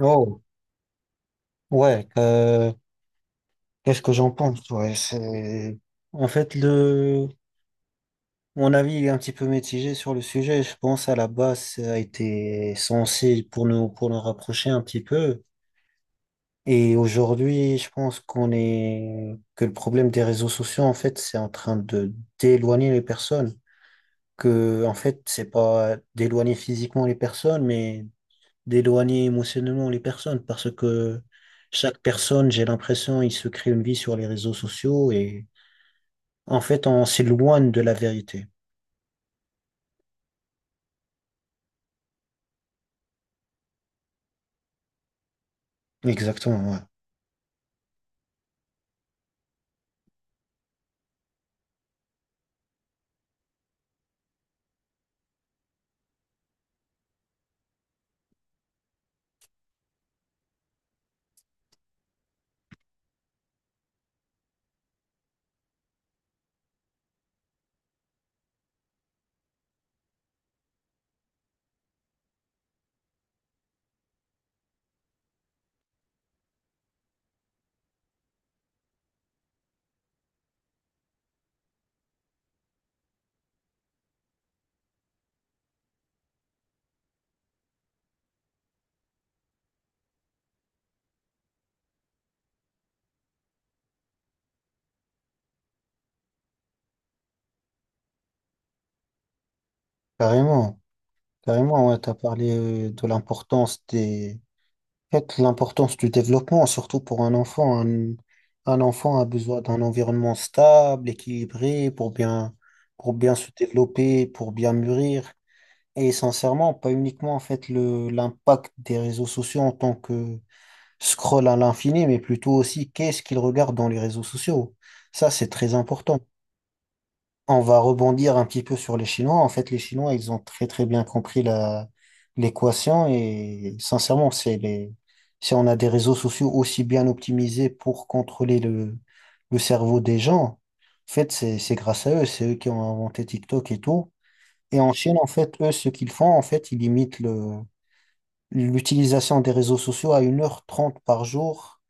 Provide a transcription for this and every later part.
Oh, ouais, qu'est-ce que j'en pense? Ouais, c'est... En fait, le... mon avis il est un petit peu mitigé sur le sujet. Je pense à la base, ça a été censé pour nous rapprocher un petit peu. Et aujourd'hui, je pense qu'on est, que le problème des réseaux sociaux, en fait, c'est en train de d'éloigner les personnes. Que, en fait, c'est pas d'éloigner physiquement les personnes, mais d'éloigner émotionnellement les personnes parce que chaque personne, j'ai l'impression, il se crée une vie sur les réseaux sociaux et en fait, on s'éloigne de la vérité. Exactement, ouais. Carrément, carrément, ouais. T'as parlé de l'importance des, en fait, l'importance du développement, surtout pour un enfant. Un enfant a besoin d'un environnement stable, équilibré, pour bien se développer, pour bien mûrir. Et sincèrement, pas uniquement en fait le l'impact des réseaux sociaux en tant que Scroll à l'infini, mais plutôt aussi qu'est-ce qu'ils regardent dans les réseaux sociaux. Ça, c'est très important. On va rebondir un petit peu sur les Chinois. En fait, les Chinois, ils ont très très bien compris la l'équation et sincèrement, c'est les si on a des réseaux sociaux aussi bien optimisés pour contrôler le cerveau des gens, en fait, c'est grâce à eux, c'est eux qui ont inventé TikTok et tout. Et en Chine, en fait, eux, ce qu'ils font, en fait, ils imitent le l'utilisation des réseaux sociaux à 1h30 par jour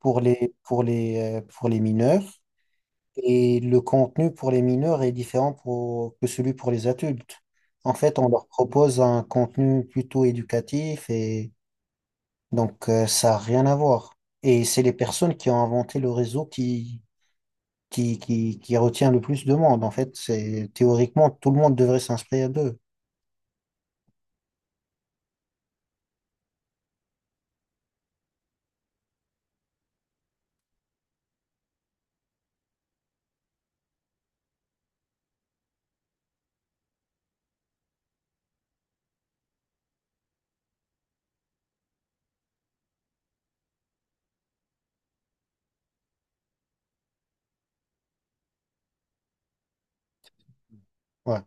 pour les, pour les, pour les mineurs. Et le contenu pour les mineurs est différent pour- que celui pour les adultes. En fait, on leur propose un contenu plutôt éducatif et donc ça n'a rien à voir. Et c'est les personnes qui ont inventé le réseau qui, qui retient le plus de monde. En fait, c'est théoriquement, tout le monde devrait s'inscrire d'eux. Ouais.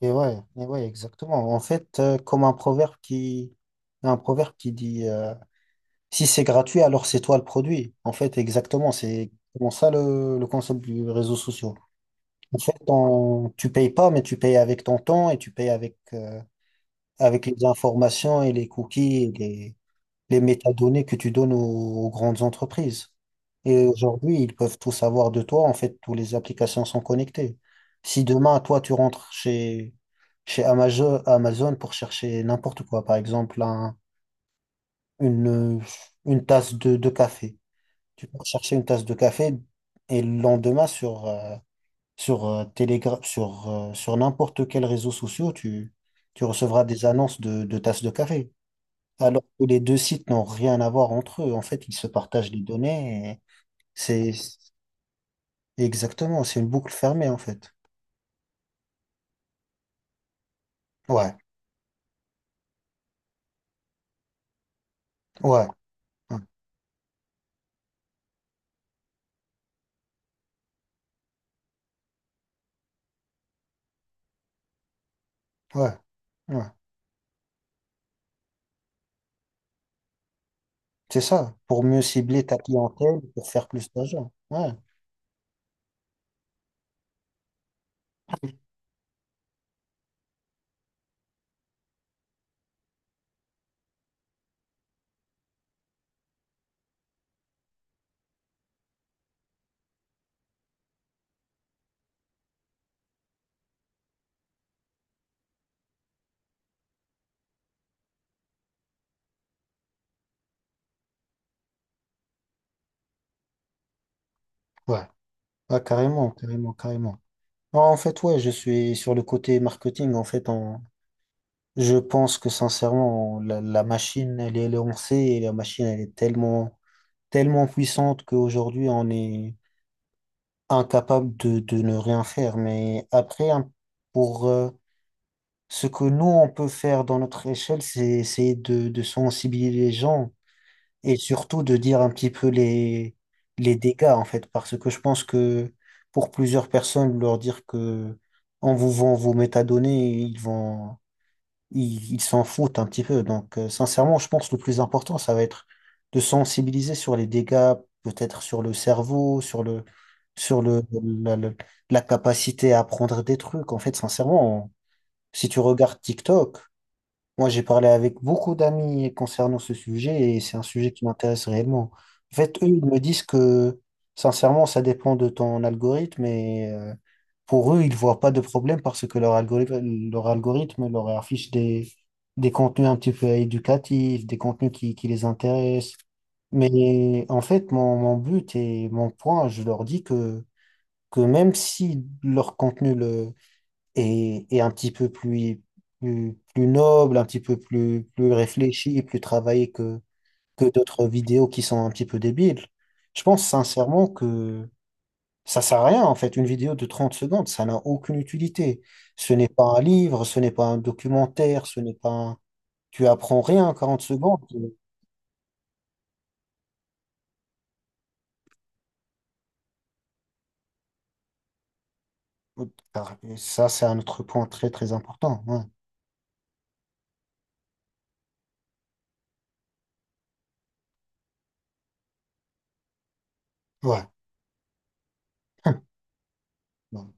Et ouais, et ouais, exactement. En fait, comme un proverbe qui dit si c'est gratuit, alors c'est toi le produit. En fait, exactement, c'est vraiment ça le concept du réseau social. En fait, tu payes pas, mais tu payes avec ton temps et tu payes avec, avec les informations et les cookies et les métadonnées que tu donnes aux, aux grandes entreprises. Et aujourd'hui, ils peuvent tout savoir de toi. En fait, toutes les applications sont connectées. Si demain, toi, tu rentres chez Amazon, Amazon pour chercher n'importe quoi, par exemple, un- une, une tasse de café. Tu peux chercher une tasse de café et le lendemain, sur, Telegra- sur n'importe quel réseau social, tu recevras des annonces de tasses de café alors que les deux sites n'ont rien à voir entre eux. En fait, ils se partagent les données. Et C'est c'est- exactement, c'est une boucle fermée en fait. Ouais, ouais, ouais, ouais. Ouais. C'est ça, pour mieux cibler ta clientèle, pour faire plus d'argent. Ouais, ouais, ouais, carrément, carrément, carrément. Non, en fait, ouais, je suis sur le côté marketing. En fait, on- je pense que sincèrement, la machine, elle est lancée et la machine, elle est tellement, tellement puissante qu'aujourd'hui, on est incapable de ne rien faire. Mais après, hein, pour ce que nous, on peut faire dans notre échelle, c'est essayer de sensibiliser les gens et surtout de dire un petit peu les dégâts, en fait, parce que je pense que pour plusieurs personnes, leur dire que on vous vend vos métadonnées, ils vont, ils s'en foutent un petit peu. Donc, sincèrement, je pense que le plus important, ça va être de sensibiliser sur les dégâts, peut-être sur le cerveau, sur le- la capacité à apprendre des trucs. En fait, sincèrement, si tu regardes TikTok, moi, j'ai parlé avec beaucoup d'amis concernant ce sujet et c'est un sujet qui m'intéresse réellement. En fait, eux, ils me disent que, sincèrement, ça dépend de ton algorithme et pour eux, ils voient pas de problème parce que leur algorithme, leur algorithme leur affiche des contenus un petit peu éducatifs, des contenus qui les intéressent. Mais en fait, mon but et mon point, je leur dis que même si leur contenu et un petit peu plus, plus noble, un petit peu plus, plus réfléchi plus travaillé que d'autres vidéos qui sont un petit peu débiles. Je pense sincèrement que ça sert à rien, en fait, une vidéo de 30 secondes, ça n'a aucune utilité. Ce n'est pas un livre, ce n'est pas un documentaire, ce n'est pas un- Tu apprends rien en 40 secondes. Car- ça, c'est un autre point très, très important. Ouais, ouais, bon,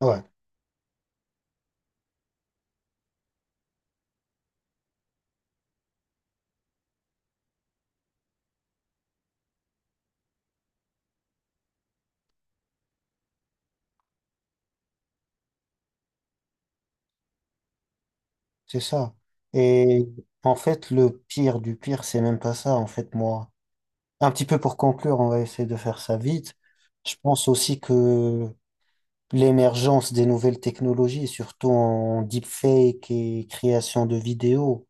ouais, c'est ça. Et en fait, le pire du pire, c'est même pas ça. En fait, moi, un petit peu pour conclure, on va essayer de faire ça vite. Je pense aussi que l'émergence des nouvelles technologies, surtout en deepfake et création de vidéos,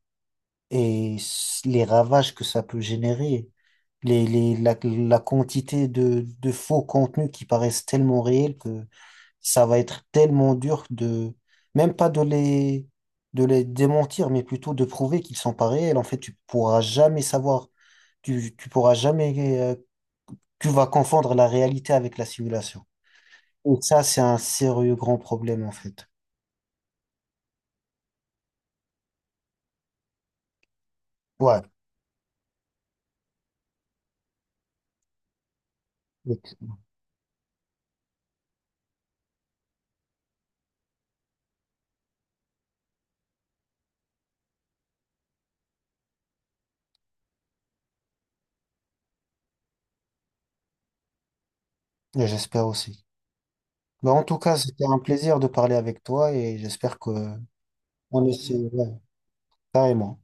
et s- les ravages que ça peut générer, les- la quantité de faux contenus qui paraissent tellement réels que ça va être tellement dur de, même pas de les, de les démentir, mais plutôt de prouver qu'ils sont pas réels. En fait, tu pourras jamais savoir, tu pourras jamais euh, tu vas confondre la réalité avec la simulation. Et ça, c'est un sérieux grand problème, en fait. Ouais, et- et j'espère aussi. Mais en tout cas, c'était un plaisir de parler avec toi et j'espère que on essaie, ouais, carrément.